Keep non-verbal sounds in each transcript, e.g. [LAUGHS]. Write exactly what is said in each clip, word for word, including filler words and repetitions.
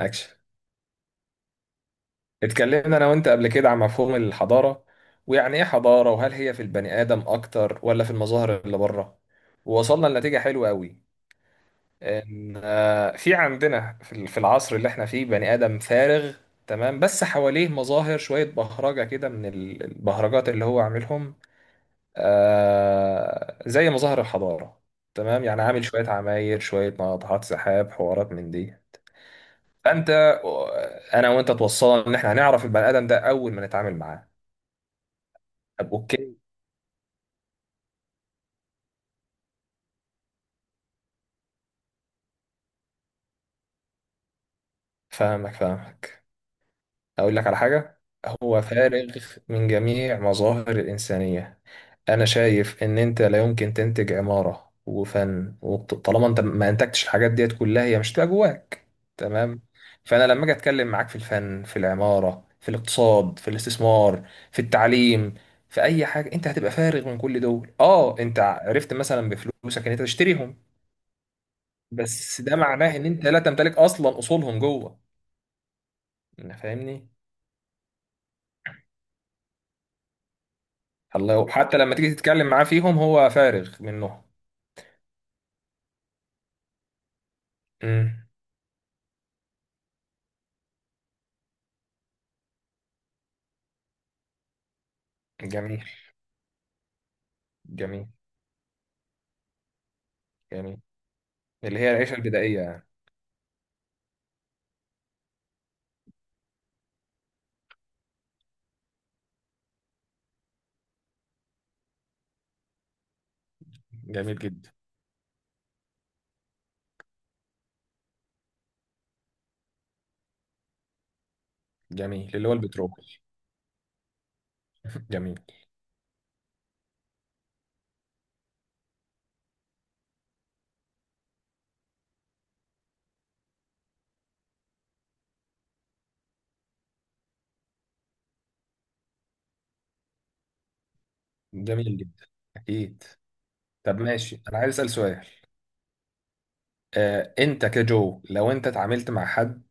اكشن. اتكلمنا انا وانت قبل كده عن مفهوم الحضاره، ويعني ايه حضاره، وهل هي في البني ادم اكتر ولا في المظاهر اللي بره. ووصلنا لنتيجه حلوه قوي ان آه، في عندنا في ال- في العصر اللي احنا فيه بني ادم فارغ. تمام، بس حواليه مظاهر شويه بهرجه كده من ال- البهرجات اللي هو عاملهم. آه، زي مظاهر الحضاره. تمام، يعني عامل شويه عماير شويه ناطحات سحاب حوارات من دي. فانت انا وانت توصلنا ان احنا هنعرف البني ادم ده اول ما نتعامل معاه. طب اوكي. فاهمك فاهمك أقول لك على حاجة. هو فارغ من جميع مظاهر الإنسانية. أنا شايف إن أنت لا يمكن تنتج عمارة وفن، وطالما أنت ما أنتجتش الحاجات ديت كلها هي مش هتبقى جواك. تمام. فأنا لما أجي أتكلم معاك في الفن، في العمارة، في الاقتصاد، في الاستثمار، في التعليم، في أي حاجة، أنت هتبقى فارغ من كل دول. أه، أنت عرفت مثلا بفلوسك إن أنت تشتريهم، بس ده معناه إن أنت لا تمتلك أصلا أصولهم جوه. أنا فاهمني. الله، وحتى لما تيجي تتكلم معاه فيهم هو فارغ منهم. امم. جميل. جميل. جميل اللي هي العيشة البدائية يعني. جميل جدا. جميل اللي هو البترول. [LAUGHS] جميل. جميل جدا. أكيد. طب ماشي، أنا عايز أسأل سؤال. آه، أنت كجو لو أنت اتعاملت مع حد،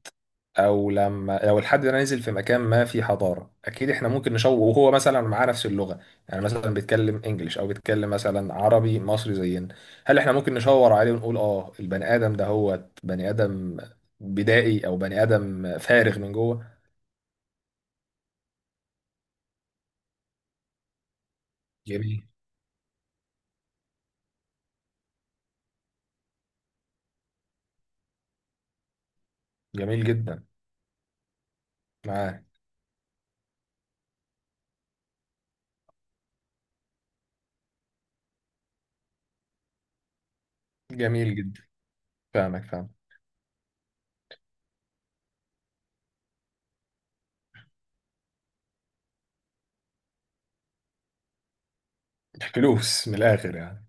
او لما لو الحد ده نزل في مكان ما في حضاره، اكيد احنا ممكن نشوه وهو مثلا معاه نفس اللغه. يعني مثلا بيتكلم انجليش او بيتكلم مثلا عربي مصري زينا، هل احنا ممكن نشاور عليه ونقول اه البني ادم ده هو بني ادم بدائي او بني ادم فارغ من جوه؟ جميل. جميل جدا. معاه. جميل جدا. فاهمك فاهم. فلوس من الاخر يعني.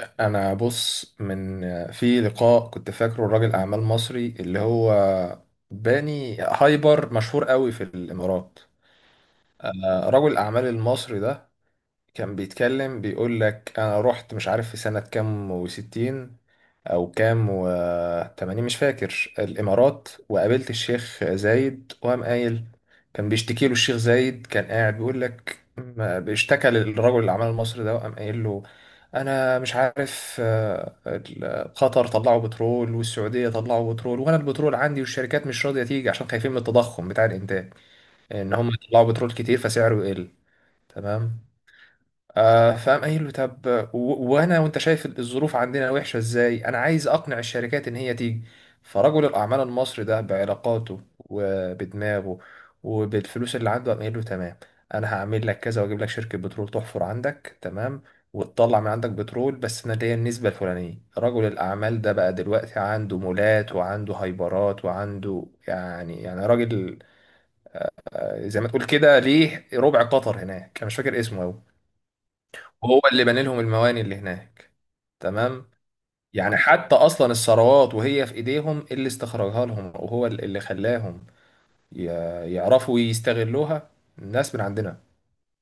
انا بص من، في لقاء كنت فاكره راجل اعمال مصري اللي هو باني هايبر مشهور قوي في الامارات. آه، رجل الاعمال المصري ده كان بيتكلم بيقول لك انا رحت مش عارف في سنة كام وستين او كام وتمانين مش فاكر الامارات، وقابلت الشيخ زايد وقام قايل، كان بيشتكي له الشيخ زايد، كان قاعد بيقول لك ما- بيشتكى للرجل اللي عمل المصري ده وقام قايل له، انا مش عارف آه، ال- قطر طلعوا بترول والسعوديه طلعوا بترول، وانا البترول عندي والشركات مش راضيه تيجي عشان خايفين من التضخم بتاع الانتاج، ان هم يطلعوا بترول كتير فسعره يقل. تمام. آه، فقام قايل له طب، و- وانا وانت شايف الظروف عندنا وحشه ازاي، انا عايز اقنع الشركات ان هي تيجي. فرجل الاعمال المصري ده بعلاقاته وبدماغه وبالفلوس اللي عنده قام قايل له تمام، انا هعمل لك كذا واجيب لك شركه بترول تحفر عندك، تمام، وتطلع من عندك بترول، بس انا ليا النسبه الفلانيه. رجل الاعمال ده بقى دلوقتي عنده مولات وعنده هايبرات وعنده يعني يعني راجل آه، زي ما تقول كده ليه ربع قطر هناك، انا مش فاكر اسمه أوي. وهو اللي بنى لهم المواني اللي هناك. تمام. يعني حتى اصلا الثروات وهي في ايديهم اللي استخرجها لهم، وهو اللي خلاهم ي- يعرفوا يستغلوها. الناس من عندنا،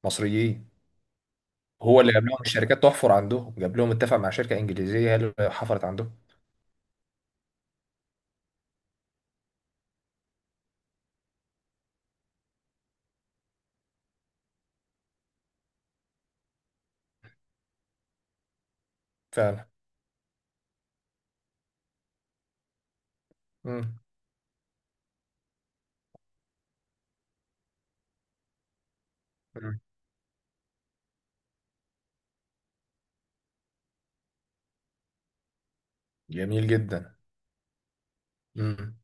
مصريين. هو اللي جاب لهم الشركات تحفر عندهم، جاب لهم اتفق مع شركة انجليزية هي اللي حفرت عندهم. فعلا. مم. مم. جميل جدا. مم.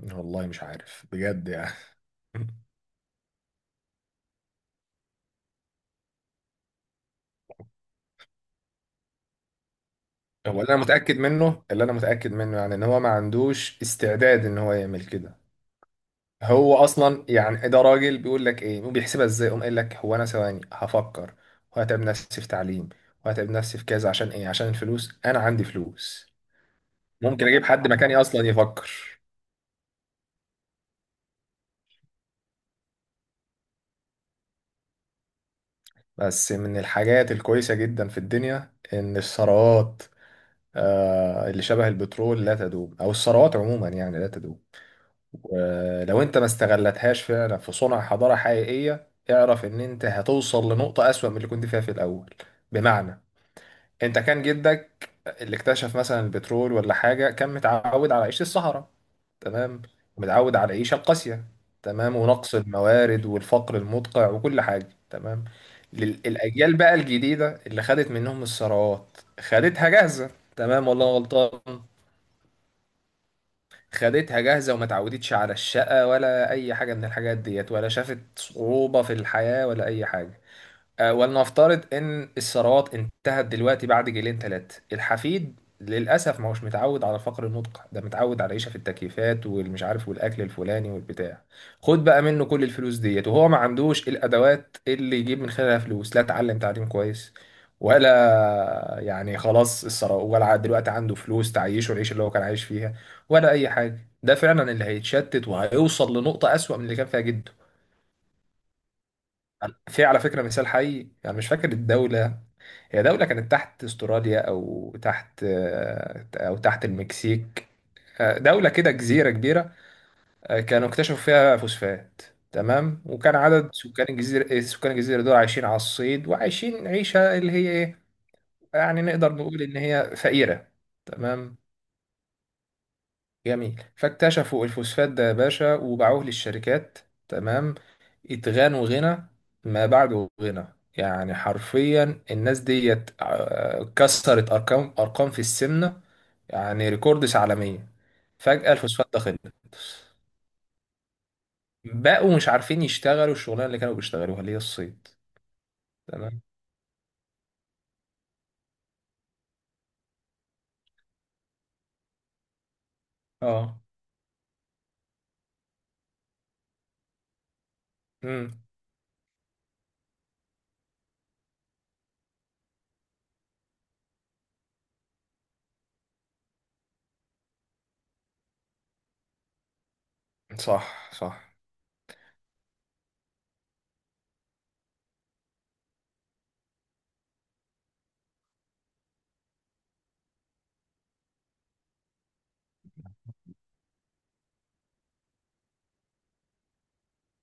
والله مش عارف بجد يعني. [LAUGHS] هو اللي انا متأكد منه، اللي انا متأكد منه يعني، ان هو ما عندوش استعداد ان هو يعمل كده. هو اصلا يعني ده راجل بيقول لك ايه وبيحسبها ازاي، قام قايل لك هو انا ثواني هفكر وهتعب نفسي في تعليم وهتعب نفسي في كذا عشان ايه؟ عشان الفلوس. انا عندي فلوس، ممكن اجيب حد مكاني اصلا يفكر. بس من الحاجات الكويسة جدا في الدنيا ان الثروات آه اللي شبه البترول لا تدوم، او الثروات عموما يعني لا تدوم. ولو انت ما استغلتهاش فعلا في صنع حضارة حقيقية، اعرف ان انت هتوصل لنقطة اسوأ من اللي كنت فيها في الاول. بمعنى، انت كان جدك اللي اكتشف مثلا البترول ولا حاجه كان متعود على عيشه الصحراء. تمام. متعود على العيشه القاسيه، تمام، ونقص الموارد والفقر المدقع وكل حاجه. تمام. لل- الاجيال بقى الجديده اللي خدت منهم الثروات خدتها جاهزه. تمام. والله غلطان. خدتها جاهزه وما اتعودتش على الشقه ولا اي حاجه من الحاجات ديت، ولا شافت صعوبه في الحياه ولا اي حاجه. آه، ولنفترض ان الثروات انتهت دلوقتي بعد جيلين ثلاثه، الحفيد للاسف ما هوش متعود على فقر النطق ده، متعود على العيشه في التكييفات والمش عارف والاكل الفلاني والبتاع. خد بقى منه كل الفلوس ديت وهو ما عندوش الادوات اللي يجيب من خلالها فلوس، لا اتعلم تعليم كويس ولا يعني خلاص الثروه ولا ع- دلوقتي عنده فلوس تعيشه العيشه اللي هو كان عايش فيها ولا اي حاجه. ده فعلا اللي هيتشتت وهيوصل لنقطه اسوأ من اللي كان فيها جده. في على فكرة مثال حي، يعني مش فاكر الدولة، هي دولة كانت تحت استراليا او تحت، او تحت المكسيك، دولة كده جزيرة كبيرة، كانوا اكتشفوا فيها فوسفات. تمام. وكان عدد سكان الجزيرة، سكان الجزيرة دول عايشين على الصيد وعايشين عيشة اللي هي ايه، يعني نقدر نقول ان هي فقيرة. تمام. جميل. فاكتشفوا الفوسفات ده يا باشا وباعوه للشركات. تمام. اتغنوا غنى ما بعده غنى، يعني حرفيا الناس ديت آه، كسرت ارقام ارقام في السمنه، يعني ريكوردس عالميه. فجأة الفوسفات ده خلص، بقوا مش عارفين يشتغلوا الشغلانه اللي كانوا بيشتغلوها اللي هي الصيد. تمام. اه. امم. صح صح.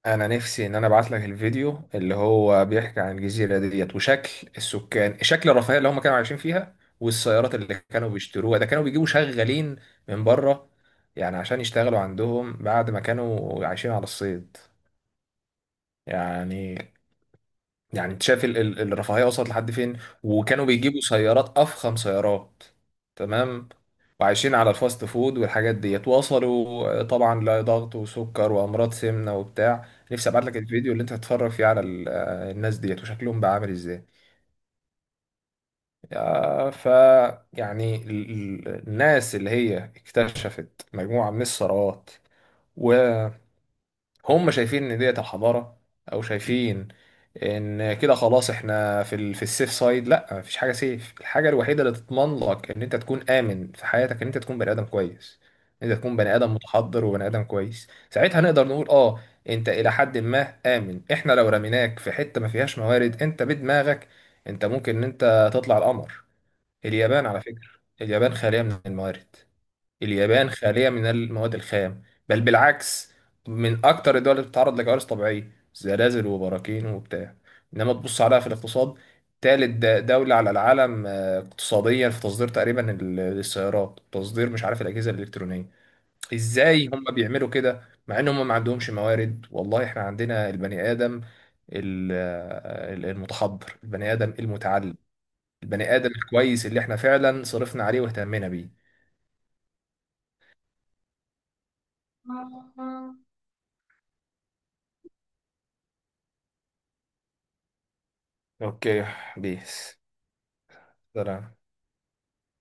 انا نفسي ان انا ابعت لك الفيديو اللي هو بيحكي عن الجزيره ديت وشكل السكان، شكل الرفاهيه اللي هم كانوا عايشين فيها والسيارات اللي كانوا بيشتروها. ده كانوا بيجيبوا شغالين من بره يعني عشان يشتغلوا عندهم بعد ما كانوا عايشين على الصيد. يعني، يعني انت شايف ال- ال- الرفاهيه وصلت لحد فين، وكانوا بيجيبوا سيارات افخم سيارات. تمام. وعايشين على الفاست فود والحاجات ديت، وصلوا طبعا لضغط وسكر وامراض سمنه وبتاع. نفسي ابعت لك الفيديو اللي انت هتتفرج فيه على ال- آه، الناس ديت وشكلهم بقى عامل ازاي. آه، ف يعني ال- ال- الناس اللي هي اكتشفت مجموعه من الثروات هم شايفين ان ديت الحضاره، او شايفين ان كده خلاص احنا في ال... في السيف سايد. لا، مفيش حاجه سيف. الحاجه الوحيده اللي تضمن لك ان انت تكون امن في حياتك ان انت تكون بني ادم كويس، ان انت تكون بني ادم متحضر وبني ادم كويس، ساعتها نقدر نقول اه انت الى حد ما امن. احنا لو رميناك في حته ما فيهاش موارد انت بدماغك انت ممكن ان انت تطلع القمر. اليابان على فكره، اليابان خاليه من الموارد، اليابان خالية من المواد الخام، بل بالعكس من أكتر الدول اللي بتتعرض لكوارث طبيعية زلازل وبراكين وبتاع. إنما تبص عليها في الاقتصاد، تالت د- دولة على العالم آه، اقتصاديا في تصدير تقريبا ال- السيارات، تصدير مش عارف الأجهزة الإلكترونية. إزاي هم بيعملوا كده مع إن هم ما عندهمش موارد؟ والله إحنا عندنا البني آدم، ال- آه، المتحضر، البني آدم المتعلم، البني آدم الكويس اللي إحنا فعلا صرفنا عليه واهتمينا بيه. اوكي يا بيس. سلام.